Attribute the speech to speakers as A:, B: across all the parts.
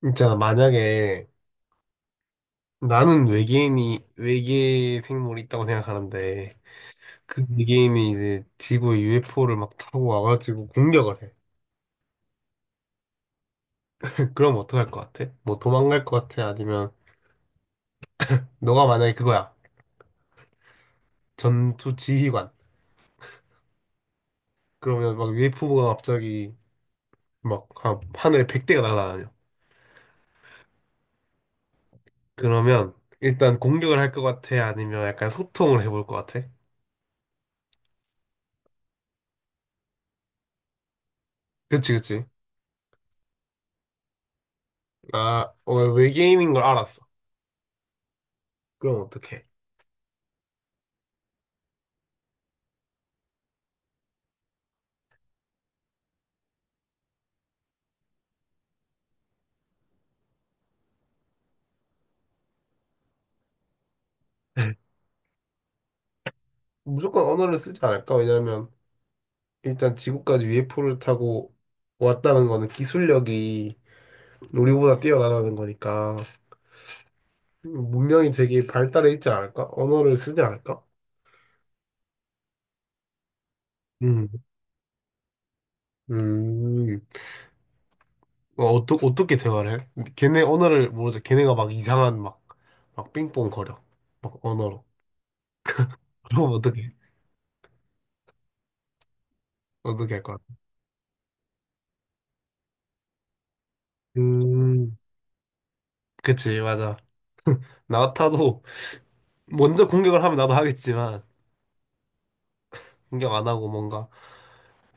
A: 진짜 만약에 나는 외계인이 외계 생물이 있다고 생각하는데 그 외계인이 이제 지구에 UFO를 막 타고 와가지고 공격을 해. 그럼 어떡할 것 같아? 뭐 도망갈 것 같아? 아니면 너가 만약에 그거야 전투 지휘관 그러면 막 UFO가 갑자기 막 하늘에 100대가 날아다녀. 그러면 일단 공격을 할 것 같아? 아니면 약간 소통을 해볼 것 같아? 그치 그치. 아 어, 외계인인 걸 알았어. 그럼 어떡해? 무조건 언어를 쓰지 않을까? 왜냐면 일단 지구까지 UFO를 타고 왔다는 거는 기술력이 우리보다 뛰어나다는 거니까 문명이 되게 발달해 있지 않을까? 언어를 쓰지 않을까? 음, 음, 어떻게 대화를 해? 걔네 언어를 모르죠. 걔네가 막 이상한 막 삥뽕 거려. 막 언어로. 그럼 어떻게 할 거야? 음, 그치, 맞아. 나 같아도 먼저 공격을 하면 나도 하겠지만, 공격 안 하고 뭔가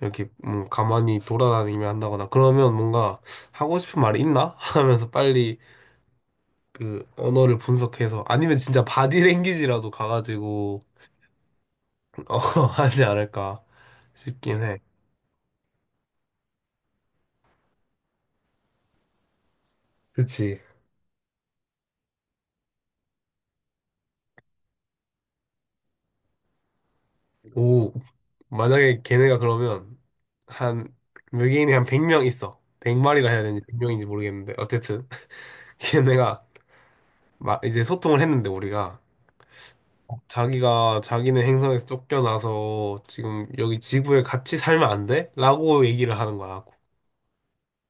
A: 이렇게 가만히 돌아다니며 한다거나 그러면 뭔가 하고 싶은 말이 있나? 하면서 빨리 그 언어를 분석해서 아니면 진짜 바디랭귀지라도 가가지고 어, 하지 않을까 싶긴 해. 그치. 오, 만약에 걔네가 그러면 한 외계인이 한 100명 있어. 100마리라 해야 되는지 100명인지 모르겠는데 어쨌든 걔네가 막 이제 소통을 했는데 우리가 자기가 자기는 행성에서 쫓겨나서 지금 여기 지구에 같이 살면 안 돼? 라고 얘기를 하는 거야.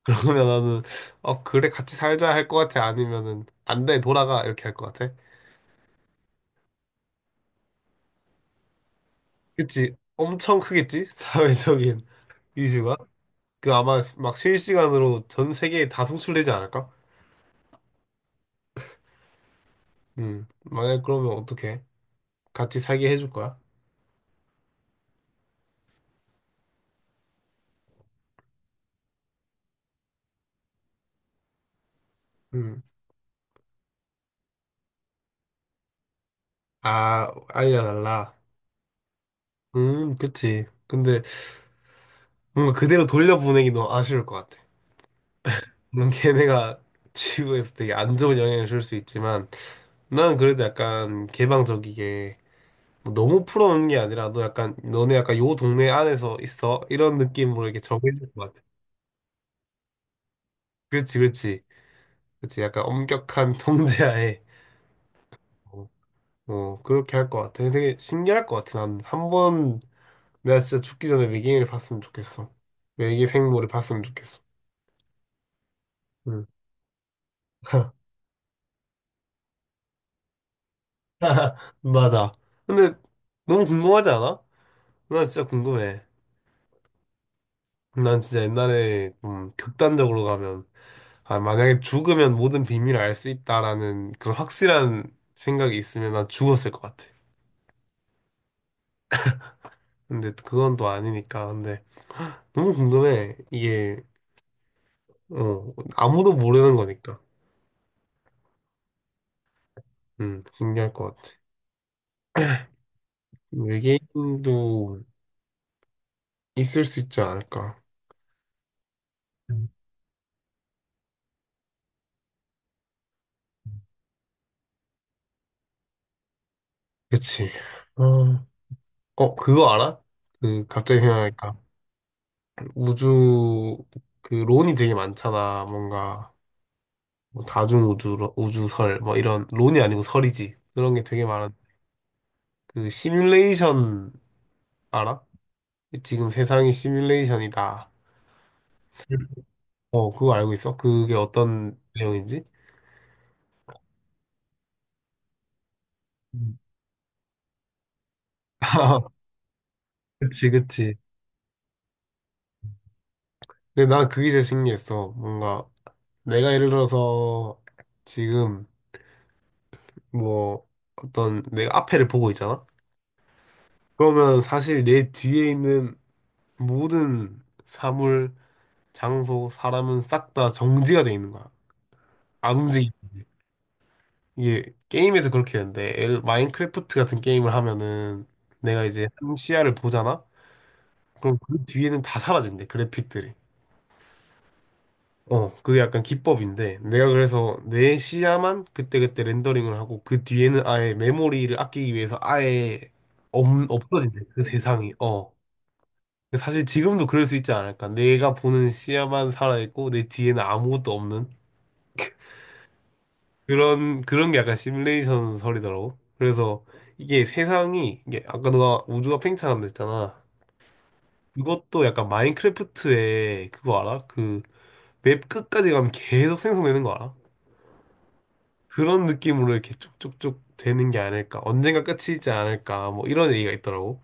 A: 그러면 나는 어 그래 같이 살자 할 것 같아 아니면은 안 돼 돌아가 이렇게 할 것 같아. 그치? 엄청 크겠지? 사회적인 이슈가 그 아마 막 실시간으로 전 세계에 다 송출되지 않을까? 만약 그러면 어떡해? 같이 살게 해줄 거야? 음아 알려달라. 그치. 근데 뭔가 그대로 돌려보내기 너무 아쉬울 것 같아. 물론 걔네가 지구에서 되게 안 좋은 영향을 줄 수 있지만 난 그래도 약간 개방적이게 뭐 너무 풀어놓는 게 아니라 너 약간 너네 약간 요 동네 안에서 있어 이런 느낌으로 이렇게 정해줄 것 같아. 그렇지, 그렇지, 그렇지. 약간 엄격한 통제하에 어, 어, 그렇게 할 것 같아. 되게 신기할 것 같아. 난 한 번 내가 진짜 죽기 전에 외계인을 봤으면 좋겠어. 외계 생물을 봤으면 좋겠어. 응. 맞아. 근데 너무 궁금하지 않아? 나 진짜 궁금해. 난 진짜 옛날에 좀 극단적으로 가면, 아, 만약에 죽으면 모든 비밀을 알 수 있다라는 그런 확실한 생각이 있으면 난 죽었을 것 같아. 근데 그건 또 아니니까. 근데 너무 궁금해. 이게, 어, 아무도 모르는 거니까. 신기할 것 같아. 외계인도 있을 수 있지 않을까. 음. 그치. 어, 어, 그거 알아? 그, 갑자기 생각하니까. 우주, 그, 론이 되게 많잖아. 뭔가. 뭐 다중우주, 우주설, 뭐 이런, 론이 아니고 설이지. 그런 게 되게 많은. 그 시뮬레이션 알아? 지금 세상이 시뮬레이션이다. 어, 그거 알고 있어? 그게 어떤 내용인지? 음. 그치, 그치. 근데 난 그게 제일 신기했어. 뭔가 내가 예를 들어서 지금 뭐 어떤 내가 앞에를 보고 있잖아? 그러면 사실 내 뒤에 있는 모든 사물, 장소, 사람은 싹 다 정지가 돼 있는 거야. 안움직이 이게 게임에서 그렇게 되는데 마인크래프트 같은 게임을 하면은 내가 이제 한 시야를 보잖아? 그럼 그 뒤에는 다 사라진대 그래픽들이 어 그게 약간 기법인데 내가 그래서 내 시야만 그때그때 렌더링을 하고 그 뒤에는 아예 메모리를 아끼기 위해서 아예 없, 없어진대 그 세상이 어 근데 사실 지금도 그럴 수 있지 않을까 내가 보는 시야만 살아있고 내 뒤에는 아무것도 없는 그런 게 약간 시뮬레이션 설이더라고. 그래서 이게 세상이, 이게 아까 너가 우주가 팽창한다 했잖아. 그것도 약간 마인크래프트의 그거 알아? 그 맵 끝까지 가면 계속 생성되는 거 알아? 그런 느낌으로 이렇게 쭉쭉쭉 되는 게 아닐까. 언젠가 끝이지 않을까. 뭐 이런 얘기가 있더라고.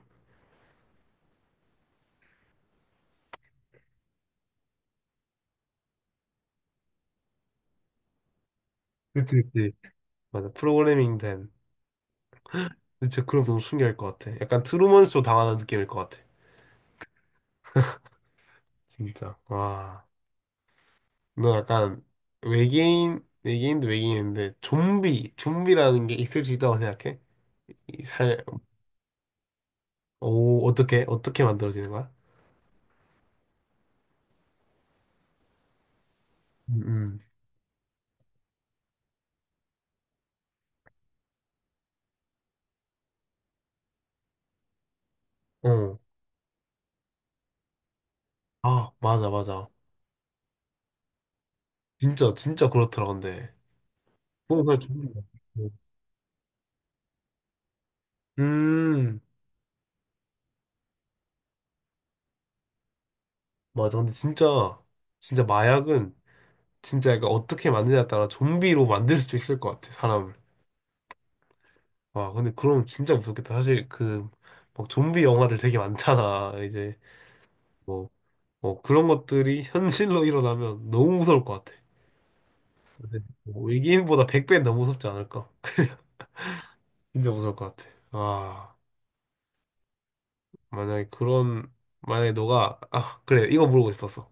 A: 그치, 그치. 맞아. 프로그래밍 된. 진짜 그럼 너무 신기할 것 같아. 약간 트루먼 쇼 당하는 느낌일 것 같아. 진짜. 와. 너 약간 외계인도 외계인인데 좀비라는 게 있을 수 있다고 생각해? 이 살, 오, 어떻게 만들어지는 거야? 음, 어. 아, 맞아, 맞아. 진짜, 진짜 그렇더라, 근데. 뭐 그냥 좀비 음, 맞아. 근데 진짜, 진짜 마약은 진짜 약간 어떻게 만드냐에 따라 좀비로 만들 수도 있을 것 같아, 사람을. 와, 근데 그럼 진짜 무섭겠다. 사실 그, 막 좀비 영화들 되게 많잖아, 이제. 뭐, 뭐 그런 것들이 현실로 일어나면 너무 무서울 것 같아. 근데 뭐 외계인보다 100배는 더 무섭지 않을까? 진짜 무서울 것 같아. 아, 만약에 그런, 만약에 너가, 아, 그래, 이거 물어보고 싶었어.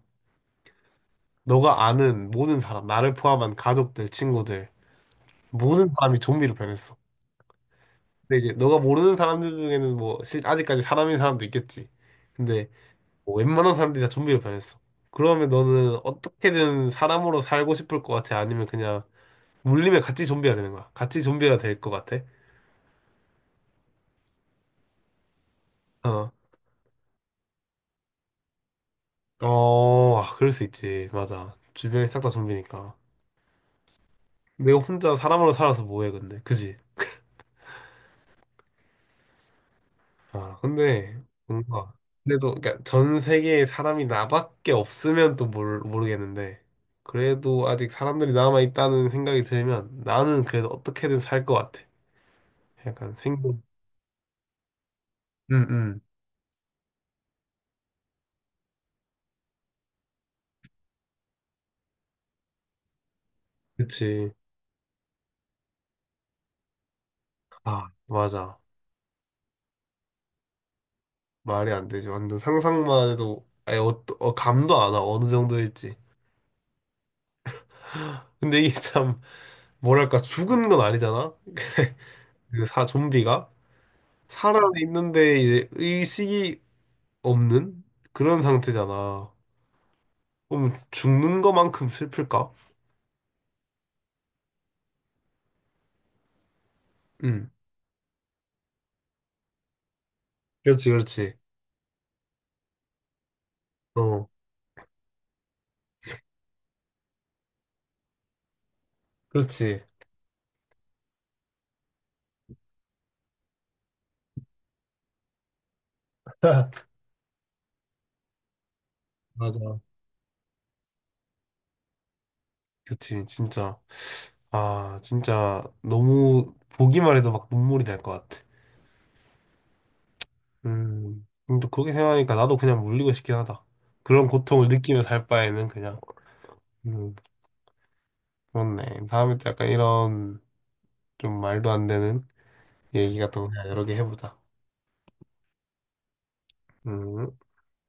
A: 너가 아는 모든 사람, 나를 포함한 가족들, 친구들, 모든 사람이 좀비로 변했어. 근데 이제 너가 모르는 사람들 중에는 뭐, 아직까지 사람인 사람도 있겠지. 근데 뭐 웬만한 사람들이 다 좀비로 변했어. 그러면 너는 어떻게든 사람으로 살고 싶을 것 같아? 아니면 그냥 물리면 같이 좀비가 되는 거야. 같이 좀비가 될 것 같아. 어. 어, 아, 그럴 수 있지. 맞아. 주변이 싹 다 좀비니까. 내가 혼자 사람으로 살아서 뭐해, 근데. 그지? 아, 근데, 뭔가. 그래도, 그러니까 전 세계에 사람이 나밖에 없으면 또 모르겠는데. 그래도 아직 사람들이 남아있다는 생각이 들면 나는 그래도 어떻게든 살 것 같아. 약간 생존. 응, 응. 그치. 아, 맞아. 말이 안 되지. 완전 상상만 해도 아예 어, 어, 감도 안 와. 어느 정도일지. 근데 이게 참 뭐랄까 죽은 건 아니잖아. 그 사 좀비가 살아 있는데 이제 의식이 없는 그런 상태잖아. 그럼 죽는 것만큼 슬플까? 응. 그렇지, 그렇지. 어, 그렇지. 맞아. 그렇지, 진짜. 아, 진짜 너무 보기만 해도 막 눈물이 날 것 같아. 음. 근데 그렇게 생각하니까 나도 그냥 물리고 싶긴 하다. 그런 고통을 느끼며 살 바에는 그냥. 음, 그렇네. 다음에 또 약간 이런 좀 말도 안 되는 얘기 같은 거 그냥 여러 개 해보자. 음.